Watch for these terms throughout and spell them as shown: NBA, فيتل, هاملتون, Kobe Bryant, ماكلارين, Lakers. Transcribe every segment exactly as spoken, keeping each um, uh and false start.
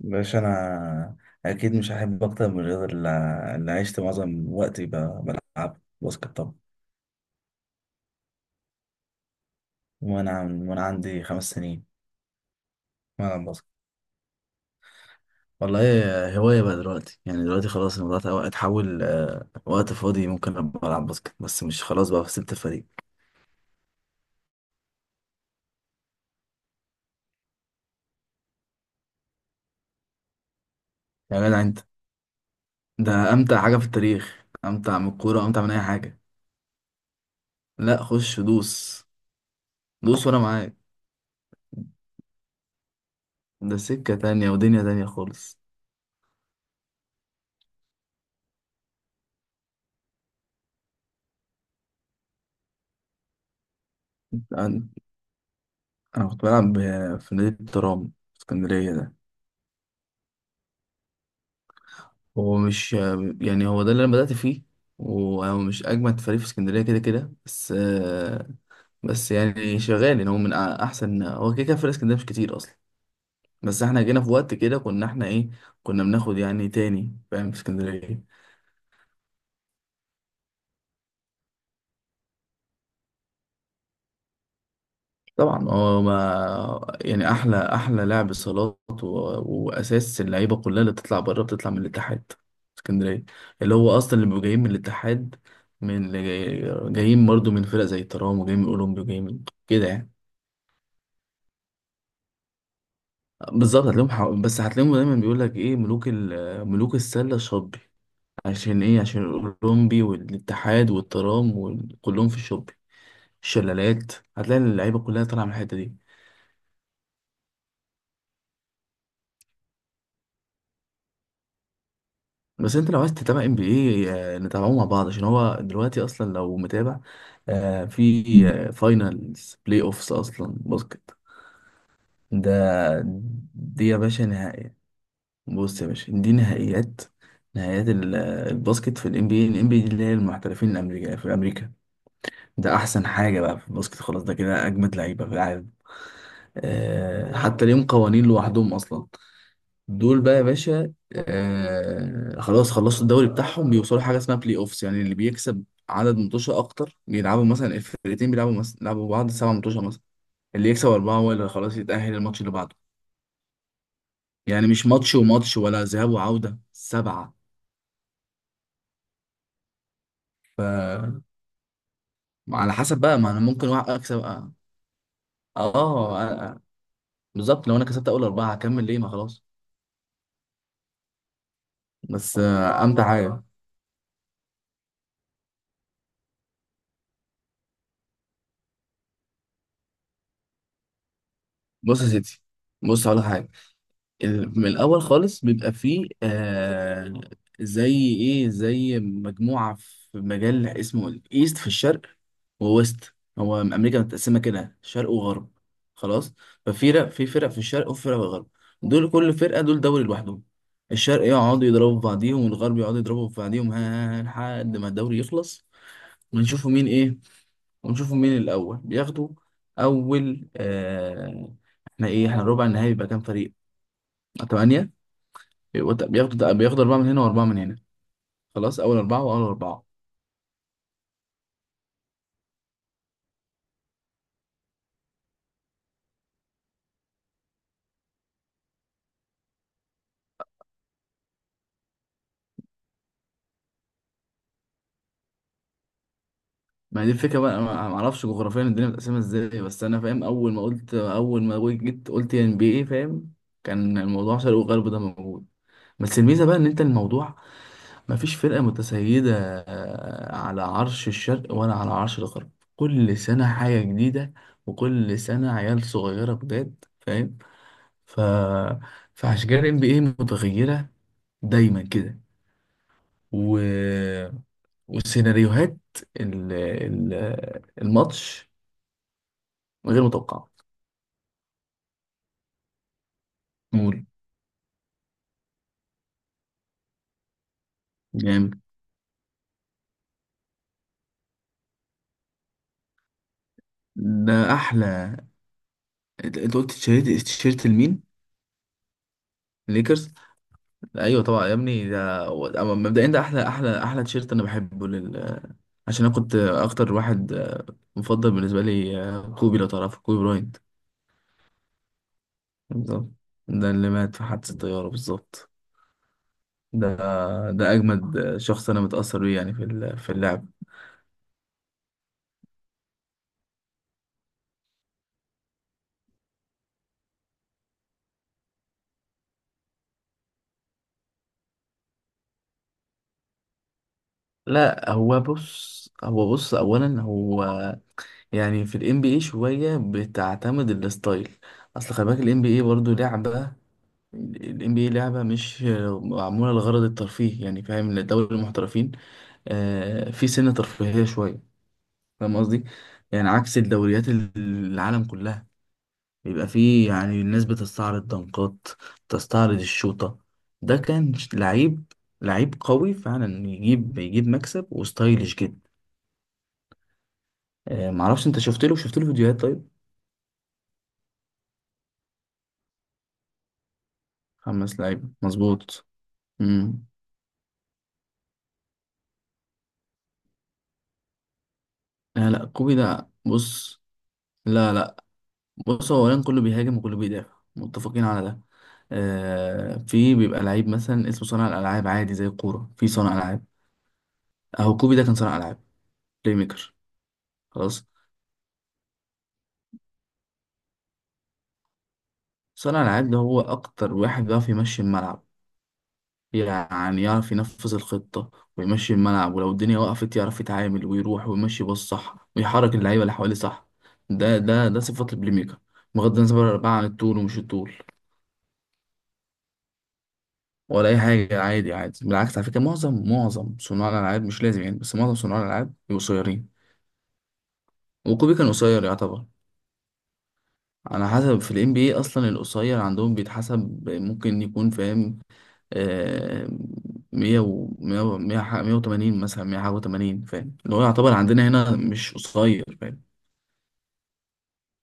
باش انا اكيد مش هحب اكتر من الرياضه اللي اللي عشت معظم وقتي ب- بلعب باسكت طبعا. وانا عن- وانا عندي خمس سنين بلعب باسكت. والله هوايه بقى دلوقتي، يعني دلوقتي خلاص الموضوع اتحول اتحول، آه، وقت فاضي ممكن ابقى العب باسكت، بس مش، خلاص بقى سبت الفريق. يا جدع انت، ده امتع حاجه في التاريخ، امتع من الكوره، امتع من اي حاجه. لا، خش دوس. دوس وانا معاك. ده سكه تانية ودنيا تانية خالص. انا أنا كنت بلعب ب- في نادي الترام في اسكندريه. ده هو مش يعني هو ده اللي انا بدأت فيه، وهو مش اجمد فريق في اسكندريه كده كده، بس آه، بس يعني شغال، يعني هو من أ- احسن، هو كده كده فريق اسكندريه مش كتير اصلا. بس احنا جينا في وقت كده، كنا احنا ايه، كنا بناخد يعني تاني فاهم في اسكندريه. طبعا هو ما يعني احلى احلى لاعب صالات، و... واساس اللعيبه كلها اللي بتطلع بره بتطلع من الاتحاد اسكندريه، اللي هو اصلا اللي بيبقوا جايين من الاتحاد، من اللي جاي... جايين برضه من فرق زي الترام، وجايين من اولمبي، وجايين من كده يعني. بالظبط، هتلاقيهم حق... بس هتلاقيهم دايما بيقول لك ايه، ملوك ال... ملوك السله الشطبي، عشان ايه، عشان الاولمبي والاتحاد والترام وكلهم في الشطبي الشلالات، هتلاقي اللعيبه كلها طالعه من الحته دي. بس انت لو عايز تتابع ام بي ايه نتابعوه مع بعض، عشان هو دلوقتي اصلا لو متابع آه، في فاينلز بلاي اوفس اصلا باسكت. ده دي يا باشا نهائي. بص يا باشا، دي نهائيات، نهائيات ال- الباسكت في الام بي اي. الام بي اي دي اللي هي المحترفين الامريكا في امريكا. ده احسن حاجه بقى في الباسكت، خلاص ده كده اجمد لعيبه في العالم. آه حتى ليهم قوانين لوحدهم اصلا. دول بقى يا باشا، آه خلاص خلصوا الدوري بتاعهم، بيوصلوا حاجه اسمها بلاي اوفس، يعني اللي بيكسب عدد متوشه اكتر بيلعبوا، مثلا الفرقتين بيلعبوا مثلا بيلعبوا بعض سبع متوشه مثلا. اللي يكسب اربعه هو اللي خلاص يتاهل الماتش اللي بعده. يعني مش ماتش وماتش ولا ذهاب وعوده، سبعه. ف على حسب بقى، ما انا ممكن أوقع- اكسب، اه. آه، آه. آه، بالظبط، لو انا كسبت اول اربعه هكمل ليه، ما خلاص. بس آه، امتع حاجه. بص يا سيدي، بص على حاجه. ال- من الاول خالص بيبقى فيه آه زي ايه، زي مجموعه في مجال اسمه الايست في الشرق، وويست. هو امريكا متقسمه كده شرق وغرب، خلاص. ففي فرق في فرق في الشرق وفي فرق في الغرب، دول كل فرقه دول دوري لوحدهم. الشرق يقعدوا يضربوا في بعضيهم والغرب يقعدوا يضربوا في بعضيهم، ها ها ها، لحد ما الدوري يخلص. ونشوفوا مين ايه ونشوفوا مين الأول بياخدوا أول. آه احنا إيه، احنا ربع النهائي بيبقى كام فريق؟ تمانية. بيبقوا- بياخدوا بياخدوا أربعة من هنا وأربعة من هنا، خلاص أول أربعة وأول أربعة. ما هي دي الفكرة بقى، أنا ما ما أعرفش جغرافيا الدنيا متقسمة إزاي، بس أنا فاهم. أول ما قلت أول ما جيت قلت إن بي إيه فاهم، كان الموضوع شرق وغرب ده موجود. بس الميزة بقى إن أنت الموضوع مفيش فرقة متسيدة آه، على عرش الشرق ولا على عرش الغرب. كل سنة حاجة جديدة، وكل سنة عيال صغيرة جداد فاهم. ف... فعشان كده ال إن بي إيه متغيرة دايما كده. و... والسيناريوهات ال... ال... الماتش غير متوقعة. قول. جامد. ده أحلى. أنت أنت قلت تيشيرت، تيشيرت لمين؟ ليكرز. ايوه طبعا يا ابني، ده هو- أما مبدئيا ده احلى احلى احلى تيشيرت انا بحبه، عشان انا كنت اكتر واحد آه، مفضل بالنسبه لي آه، كوبي لو تعرفه، كوبي براينت. بالظبط، ده اللي مات في حادثه الطياره، بالظبط. ده ده اجمد شخص انا متاثر بيه، يعني في ال- في اللعب. لا، هو بص، هو بص اولا هو يعني في الام بي اي شويه بتعتمد الستايل. اصل خلي بالك الام بي اي برضه لعبه. الام بي اي لعبه مش معموله لغرض الترفيه، يعني فاهم لدوري المحترفين. آه، في سنة ترفيهية شوية، فاهم قصدي، يعني عكس الدوريات ال- العالم كلها، بيبقى فيه يعني الناس بتستعرض دنقات، تستعرض الشوطة. ده كان ش- لعيب، لعيب قوي فعلا، يجيب يجيب مكسب، وستايلش جدا. آه معرفش انت شفت له شفت له فيديوهات؟ طيب. خمس لعيبة مظبوط. امم لا لا، كوبي ده بص. لا لا. بص هو اولا، كله بيهاجم وكله بيدافع متفقين على ده. آه في بيبقى لعيب مثلا اسمه صانع الالعاب، عادي زي الكوره في صانع العاب، اهو كوبي ده كان صانع العاب، بلاي ميكر. خلاص، صانع العاب ده هو اكتر واحد بيعرف يمشي الملعب، يعني يعرف ينفذ الخطة ويمشي الملعب، ولو الدنيا وقفت يعرف يتعامل ويروح ويمشي باص صح، ويحرك اللعيبة اللي حواليه صح. ده ده ده صفات البلاي ميكر، بغض النظر بقى عن الطول ومش الطول. ولا اي حاجة، عادي عادي، بالعكس. على فكرة، معظم معظم صناع الالعاب مش لازم، يعني، بس معظم صناع الالعاب بيبقوا قصيرين، وكوبي كان قصير يعتبر. على حسب، في الام بي اصلا القصير عندهم بيتحسب، ممكن يكون فاهم. آه، مية و مية و- مية ح- مية وتمانين مثلا، مية حاجة وتمانين فاهم، اللي هو يعتبر عندنا هنا مش قصير، فاهم.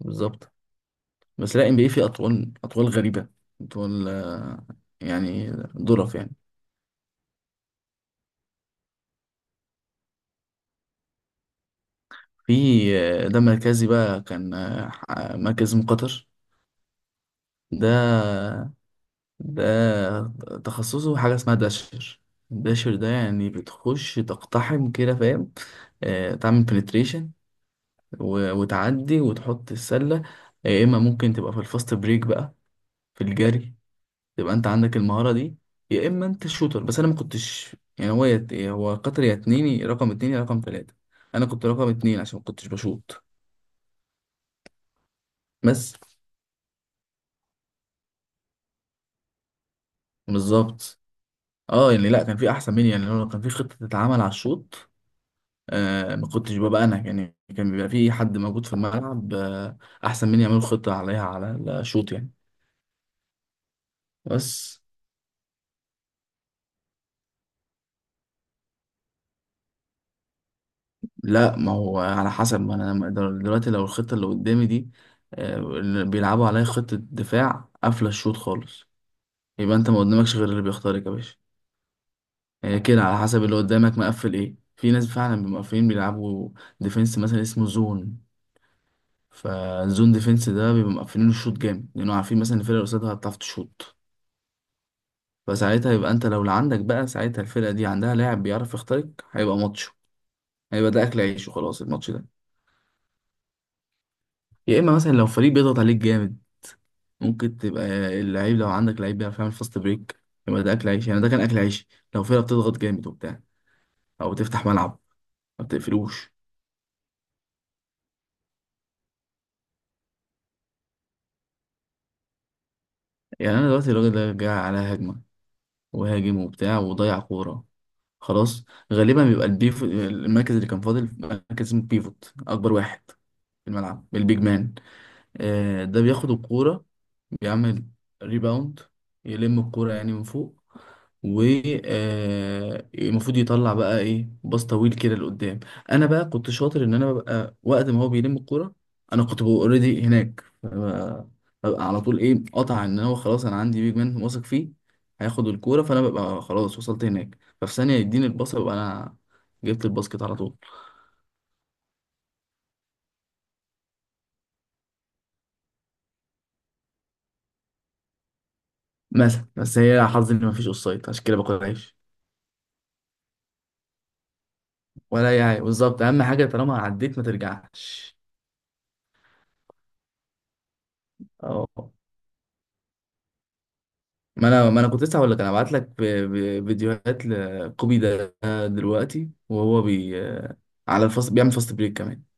بالظبط. بس لا ام بي اي فيه أطوال، أطوال غريبة، أطوال آه، يعني ظرف يعني. في آه، ده مركزي بقى كان آه، ح- مركز من قطر. ده ده تخصصه حاجة اسمها داشر. الداشر ده يعني بتخش تقتحم كده فاهم. آه، تعمل بنتريشن و- وتعدي وتحط السلة. آه، يا إما ممكن تبقى في الفاست بريك بقى، في الجري، تبقى أنت عندك المهارة دي، يا إما أنت الشوتر. بس أنا ما كنتش، يعني، هو يت... هو قطر يا اتنين، يا رقم اتنين يا رقم تلاتة. أنا كنت رقم اتنين عشان ما كنتش بشوط. بس. بالظبط. اه، يعني لا كان في أحسن مني. يعني لو كان في خطة تتعمل على الشوط آه ما كنتش ببقى أنا، يعني كان بيبقى في حد موجود في الملعب آه أحسن مني يعمل خطة عليها على الشوط يعني. بس لا، ما هو على حسب، ما انا ما- دل- دلوقتي لو الخطه اللي قدامي دي آه، اللي بيلعبوا عليا خطه دفاع قافله الشوط خالص، يبقى انت ما قدامكش غير اللي بيختارك يا باشا. هي كده على حسب اللي قدامك مقفل ايه. في ناس فعلا بيبقوا مقفلين بيلعبوا ديفنس مثلا اسمه زون، فالزون ديفنس ده بيبقوا مقفلين الشوط جامد لانه عارفين مثلا الفرقه اللي قصادها هتعرف تشوط. فساعتها يبقى انت لو اللي عندك بقى، ساعتها الفرقه دي عندها لاعب بيعرف يخترق، هيبقى ماتش، هيبقى ده اكل عيش وخلاص الماتش ده. يا اما مثلا لو فريق بيضغط عليك جامد، ممكن تبقى اللعيب، لو عندك لعيب بيعرف يعمل فاست بريك، يبقى ده اكل عيش، يعني ده كان اكل عيش، لو فرقه بتضغط جامد وبتاع، او بتفتح ملعب ما بتقفلوش. يعني انا دلوقتي الراجل ده جاي على هجمه وهاجم وبتاع وضيع كوره، خلاص، غالبا بيبقى البيف المركز اللي كان فاضل، مركز اسمه بيفوت اكبر واحد في الملعب، البيج مان. آه، ده بياخد الكوره، بيعمل ريباوند، يلم الكورة يعني من فوق، والمفروض يطلع بقى ايه باص طويل كده لقدام. انا بقى كنت شاطر ان انا ببقى وقت ما هو بيلم الكورة، انا كنت ببقى اوريدي هناك، فببقى- ببقى على طول ايه قطع، ان هو خلاص انا عندي بيج مان واثق فيه هياخد الكورة، فانا ببقى خلاص وصلت هناك، ففي ثانية يديني الباص ببقى انا جبت الباسكت على طول. مثلا. بس هي حظي ان مفيش اوفسايد عشان كده باكل عيش. ولا يعني بالظبط، اهم حاجه طالما عديت ما ترجعش. اه، ما انا ما انا كنت لسه هقول لك، انا هبعت لك في- في- فيديوهات لكوبي ده، دلوقتي وهو بي على الفاست، بيعمل فاست بريك كمان.